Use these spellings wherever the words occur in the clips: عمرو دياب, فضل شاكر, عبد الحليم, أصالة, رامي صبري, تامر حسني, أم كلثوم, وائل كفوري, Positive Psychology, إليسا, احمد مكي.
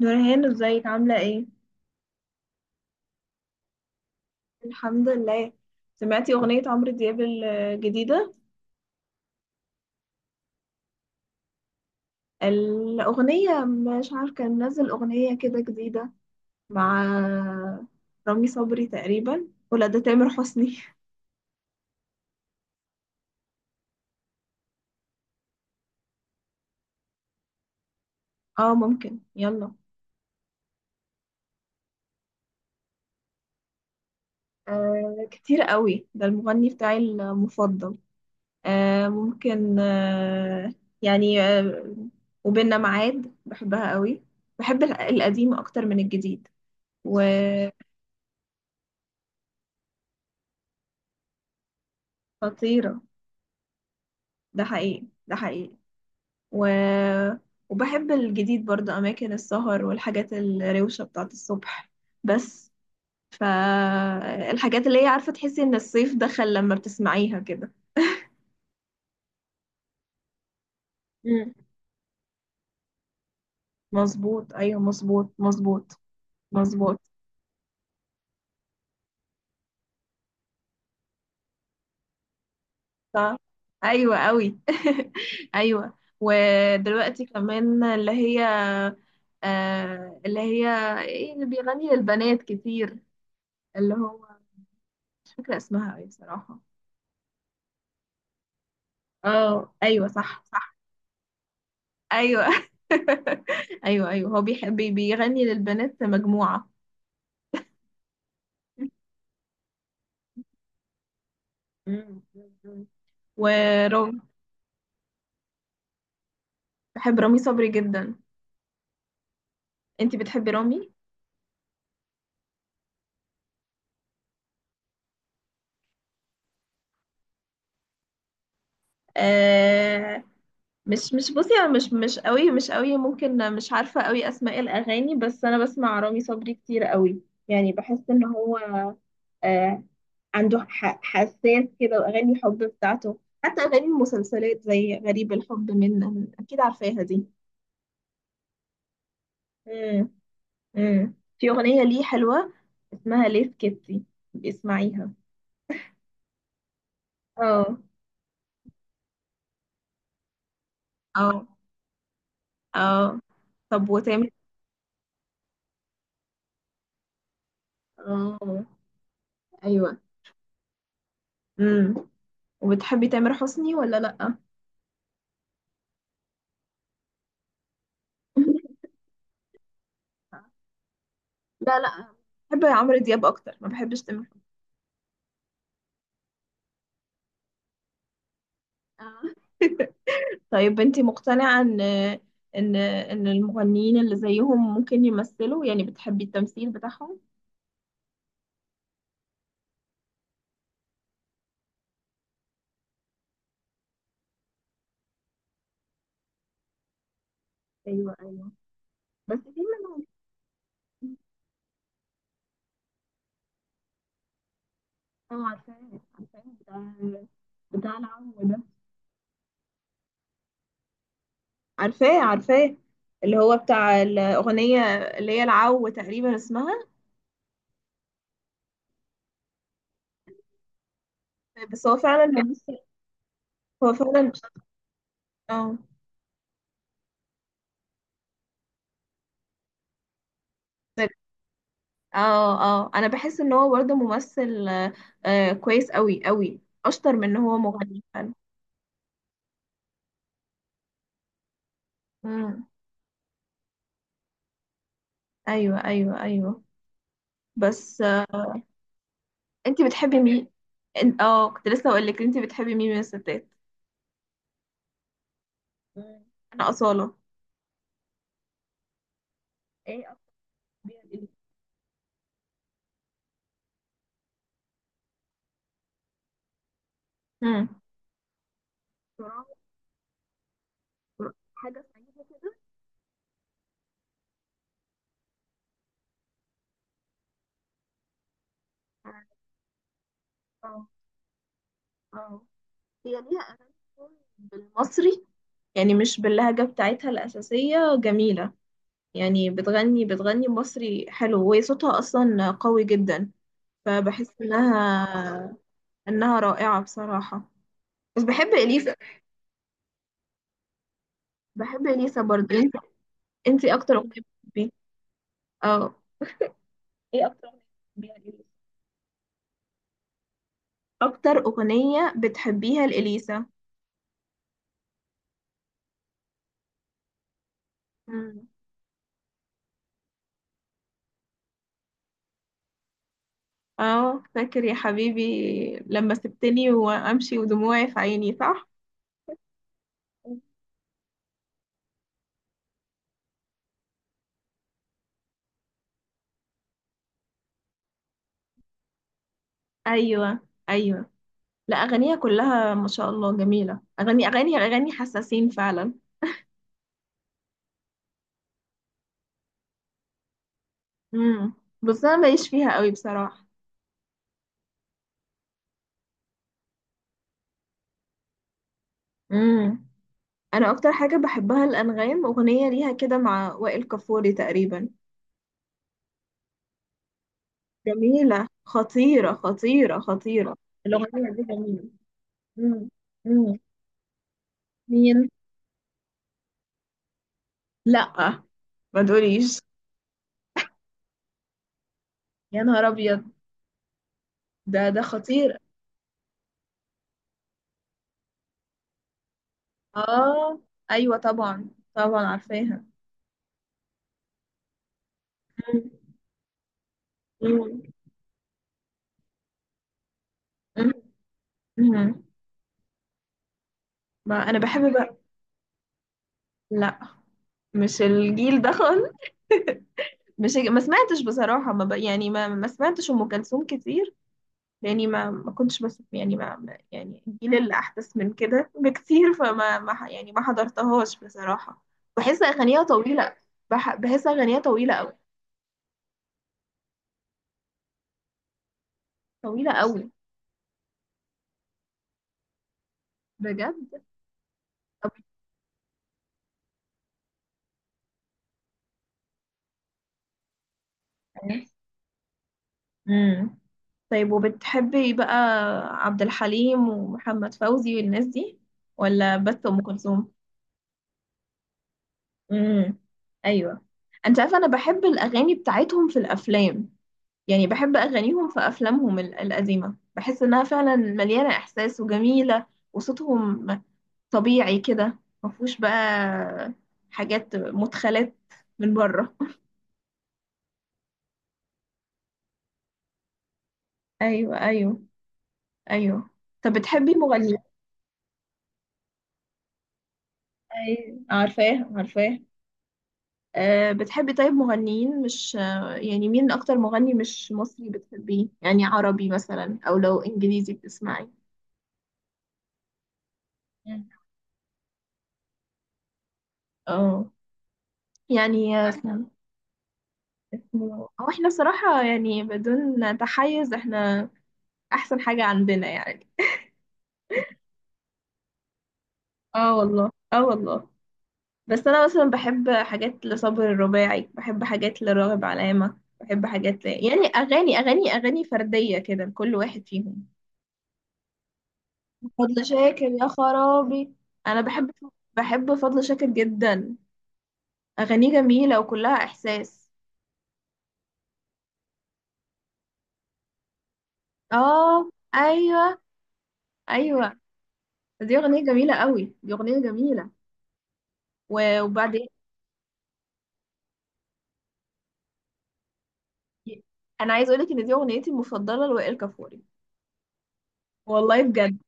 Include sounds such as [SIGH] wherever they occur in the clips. نورهان ازيك عاملة ايه؟ الحمد لله. سمعتي أغنية عمرو دياب الجديدة؟ الأغنية مش عارفة، كان نزل أغنية كده جديدة مع رامي صبري تقريبا، ولا ده تامر حسني؟ [LAUGHS] اه ممكن يلا. آه كتير قوي، ده المغني بتاعي المفضل. آه ممكن آه. يعني آه. وبيننا ميعاد بحبها قوي. بحب القديم أكتر من الجديد. وخطيرة. ده حقيقي ده حقيقي. و... وبحب الجديد برضه أماكن السهر والحاجات الروشة بتاعت الصبح، بس. فالحاجات اللي هي عارفة تحسي إن الصيف دخل لما بتسمعيها كده. مم. مظبوط، أيوة مظبوط مظبوط. مظبوط. صح. أيوة أوي. [LAUGHS] أيوة ودلوقتي كمان اللي هي. آه اللي هي. إيه اللي بيغني للبنات كتير. اللي هو. مش فاكرة اسمها أوي بصراحة. اه ايوه صح صح. ايوه [LAUGHS] ايوه ايوه، هو بيحب بيغني للبنات مجموعة. مم. مم. ورامي. بحب رامي صبري جدا. انتي بتحبي رامي؟ آه، مش بصي، انا مش قوي، مش قوي، ممكن مش عارفة قوي اسماء الاغاني، بس انا بسمع رامي صبري كتير قوي. يعني بحس ان هو، آه عنده حساس كده، واغاني الحب بتاعته حتى اغاني المسلسلات زي غريب الحب، منه اكيد عارفاها دي. مم. امم في أغنية ليه حلوة اسمها ليه سكتي، اسمعيها. اه اه اه. طب وتامر. اه ايوه. امم وبتحبي تامر حسني ولا لأ؟ [LAUGHS] لا لا، بحب عمرو دياب اكتر، ما بحبش تامر حسني. آه. طيب انتي مقتنعة ان المغنيين اللي زيهم ممكن يمثلوا، يعني بتحبي التمثيل بتاعهم؟ ايوه ايوه، بس في منهم. اه عارفاه عارفاه، بتاع العم ده. عارفاه عارفاه، اللي هو بتاع الأغنية اللي هي العو تقريبا اسمها. بس هو فعلا ممثل. هو فعلا. اه اه اه، انا بحس ان هو برضه ممثل آه. آه، كويس قوي قوي، اشطر من ان هو مغني فعلا. امم ايوه ايوه ايوه. بس آه. انتي بتحبي مين؟ اه، كنت لسه اقول لك، انتي بتحبي مين من الستات؟ مم. انا أصالة. ايه اكتر؟ بيها ايه؟ امم بصراحة حاجة سعيدة كده. اه اه. هي ليها أغاني كتير بالمصري، يعني مش باللهجة بتاعتها الأساسية، جميلة. يعني بتغني بتغني مصري حلو، وهي صوتها أصلا قوي جدا. فبحس إنها رائعة بصراحة. بس بحب إليسا. بحب إليسا برضه انت. انت أكتر أغنية بتحبيها؟ اه، ايه أكتر أغنية بتحبيها لإليسا. أكتر أغنية بتحبيها لإليسا. مم. اه فاكر يا حبيبي، لما سبتني وأمشي ودموعي في عيني صح؟ ايوه ايوه. لا، اغانيها كلها ما شاء الله جميله، اغاني اغاني اغاني حساسين فعلا. امم بس انا ماليش فيها قوي بصراحه. امم انا اكتر حاجه بحبها الانغام، اغنيه ليها كده مع وائل كفوري تقريبا. جميله خطيره خطيره خطيره. الاغنيه دي جميله. امم امم مين؟ لا، ما تقوليش. يا نهار ابيض، ده خطير. اه ايوه طبعا طبعا عارفاها. مم. مم. امم ما انا بحب بقى. لا، مش الجيل ده خالص. [LAUGHS] مش ما سمعتش بصراحة، ما ب... يعني ما سمعتش أم كلثوم كتير. لأني ما كنتش، بس يعني يعني الجيل اللي أحدث من كده بكتير، فما ما ح- يعني ما حضرتهاش بصراحة. بحس أغانيها طويلة. بحس أغانيها طويلة أوي. طويلة أوي. بجد. طب. امم طيب وبتحبي بقى عبد الحليم ومحمد فوزي والناس دي، ولا بس أم كلثوم؟ امم ايوه. انت عارفه، انا بحب الاغاني بتاعتهم في الافلام. يعني بحب اغانيهم في افلامهم القديمه، بحس انها فعلا مليانه احساس وجميله. وصوتهم طبيعي كده، ما فيهوش بقى حاجات مدخلات من بره. ايوه ايوه ايوه. طب بتحبي مغنيين. ايوه عارفاه عارفاه. أه بتحبي طيب مغنيين مش، يعني مين اكتر مغني مش مصري بتحبيه، يعني عربي مثلا، او لو انجليزي بتسمعي. اه يعني اسمه هو، احنا بصراحة يعني بدون تحيز، احنا احسن حاجة عندنا يعني. اه والله اه والله. بس انا مثلا بحب حاجات لصابر الرباعي، بحب حاجات لراغب علامة، بحب حاجات يعني اغاني اغاني اغاني فردية كده لكل واحد فيهم. فضل شاكر يا خرابي. انا بحب، فضل شاكر جدا، اغانيه جميلة وكلها احساس. اه ايوه ايوه. دي اغنية جميلة قوي، دي اغنية جميلة. وبعدين انا عايز اقولك ان دي اغنيتي المفضله لوائل كفوري، والله بجد.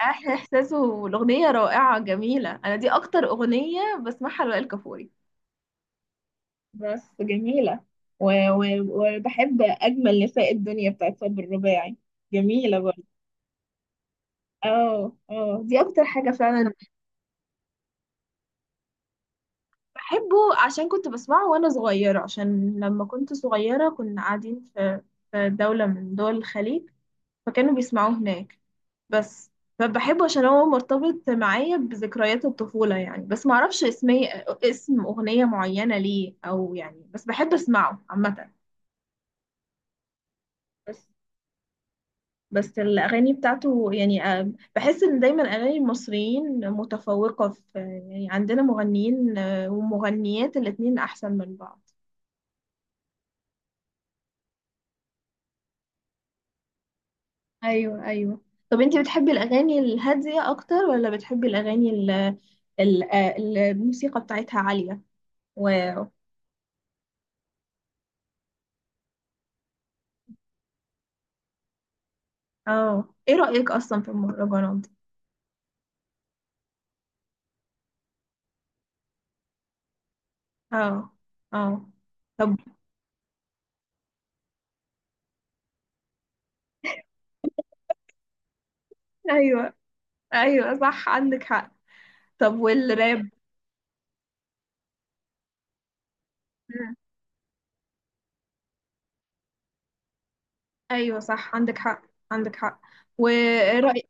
احلى احساس، والاغنيه رائعه جميله، انا دي اكتر اغنيه بسمعها لوائل كفوري. بس جميلة. وبحب أجمل نساء الدنيا بتاعت صبر الرباعي، جميلة برضه. اه اه، دي اكتر حاجه فعلا. بحبه عشان كنت بسمعه وانا صغيره، عشان لما كنت صغيره كنا قاعدين في في دوله من دول الخليج، فكانوا بيسمعوه هناك. بس. فبحبه عشان هو مرتبط معايا بذكريات الطفولة يعني، بس معرفش اسمي، اسم أغنية معينة ليه، أو يعني بس بحب أسمعه عامة. بس. بس الأغاني بتاعته يعني، بحس إن دايما أغاني المصريين متفوقة في، يعني عندنا مغنيين، ومغنيات، الاتنين أحسن من بعض. ايوه ايوه. طب انتي بتحبي الأغاني الهادية أكتر، ولا بتحبي الأغاني الموسيقى بتاعتها عالية و- اه، ايه رأيك اصلا في المهرجانات دي؟ اه اه طب. ايوه ايوه صح، عندك حق. طب والراب. مم. ايوه صح عندك حق. عندك حق. وايه رأيك.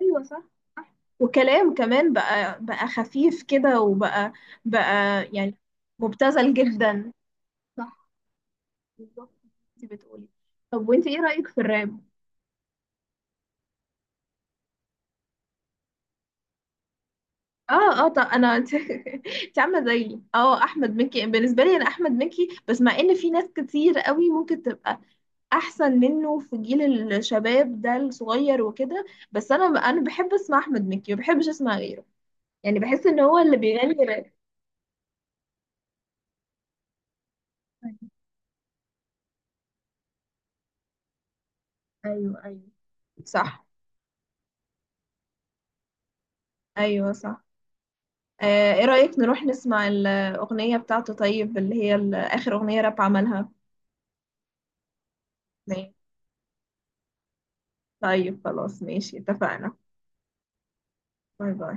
ايوه صح. صح. وكلام كمان بقى، خفيف كده، وبقى بقى يعني مبتذل جدا. صح، بالظبط. انت بتقولي. طب وانت ايه رأيك في الراب؟ اه اه طب انا، [LAUGHS] انت عامله زيي. اه، احمد مكي بالنسبه لي، انا احمد مكي، بس مع ان في ناس كتير قوي ممكن تبقى احسن منه في جيل الشباب ده الصغير وكده. بس انا بحب اسمع احمد مكي، ما بحبش اسمع غيره، يعني بحس ان هو اللي بيغني راب. ايوه ايوه صح. ايوه صح. آه، ايه رايك نروح نسمع الاغنيه بتاعته، طيب اللي هي اخر اغنيه راب عملها. ماشي. طيب خلاص، ماشي اتفقنا. باي. باي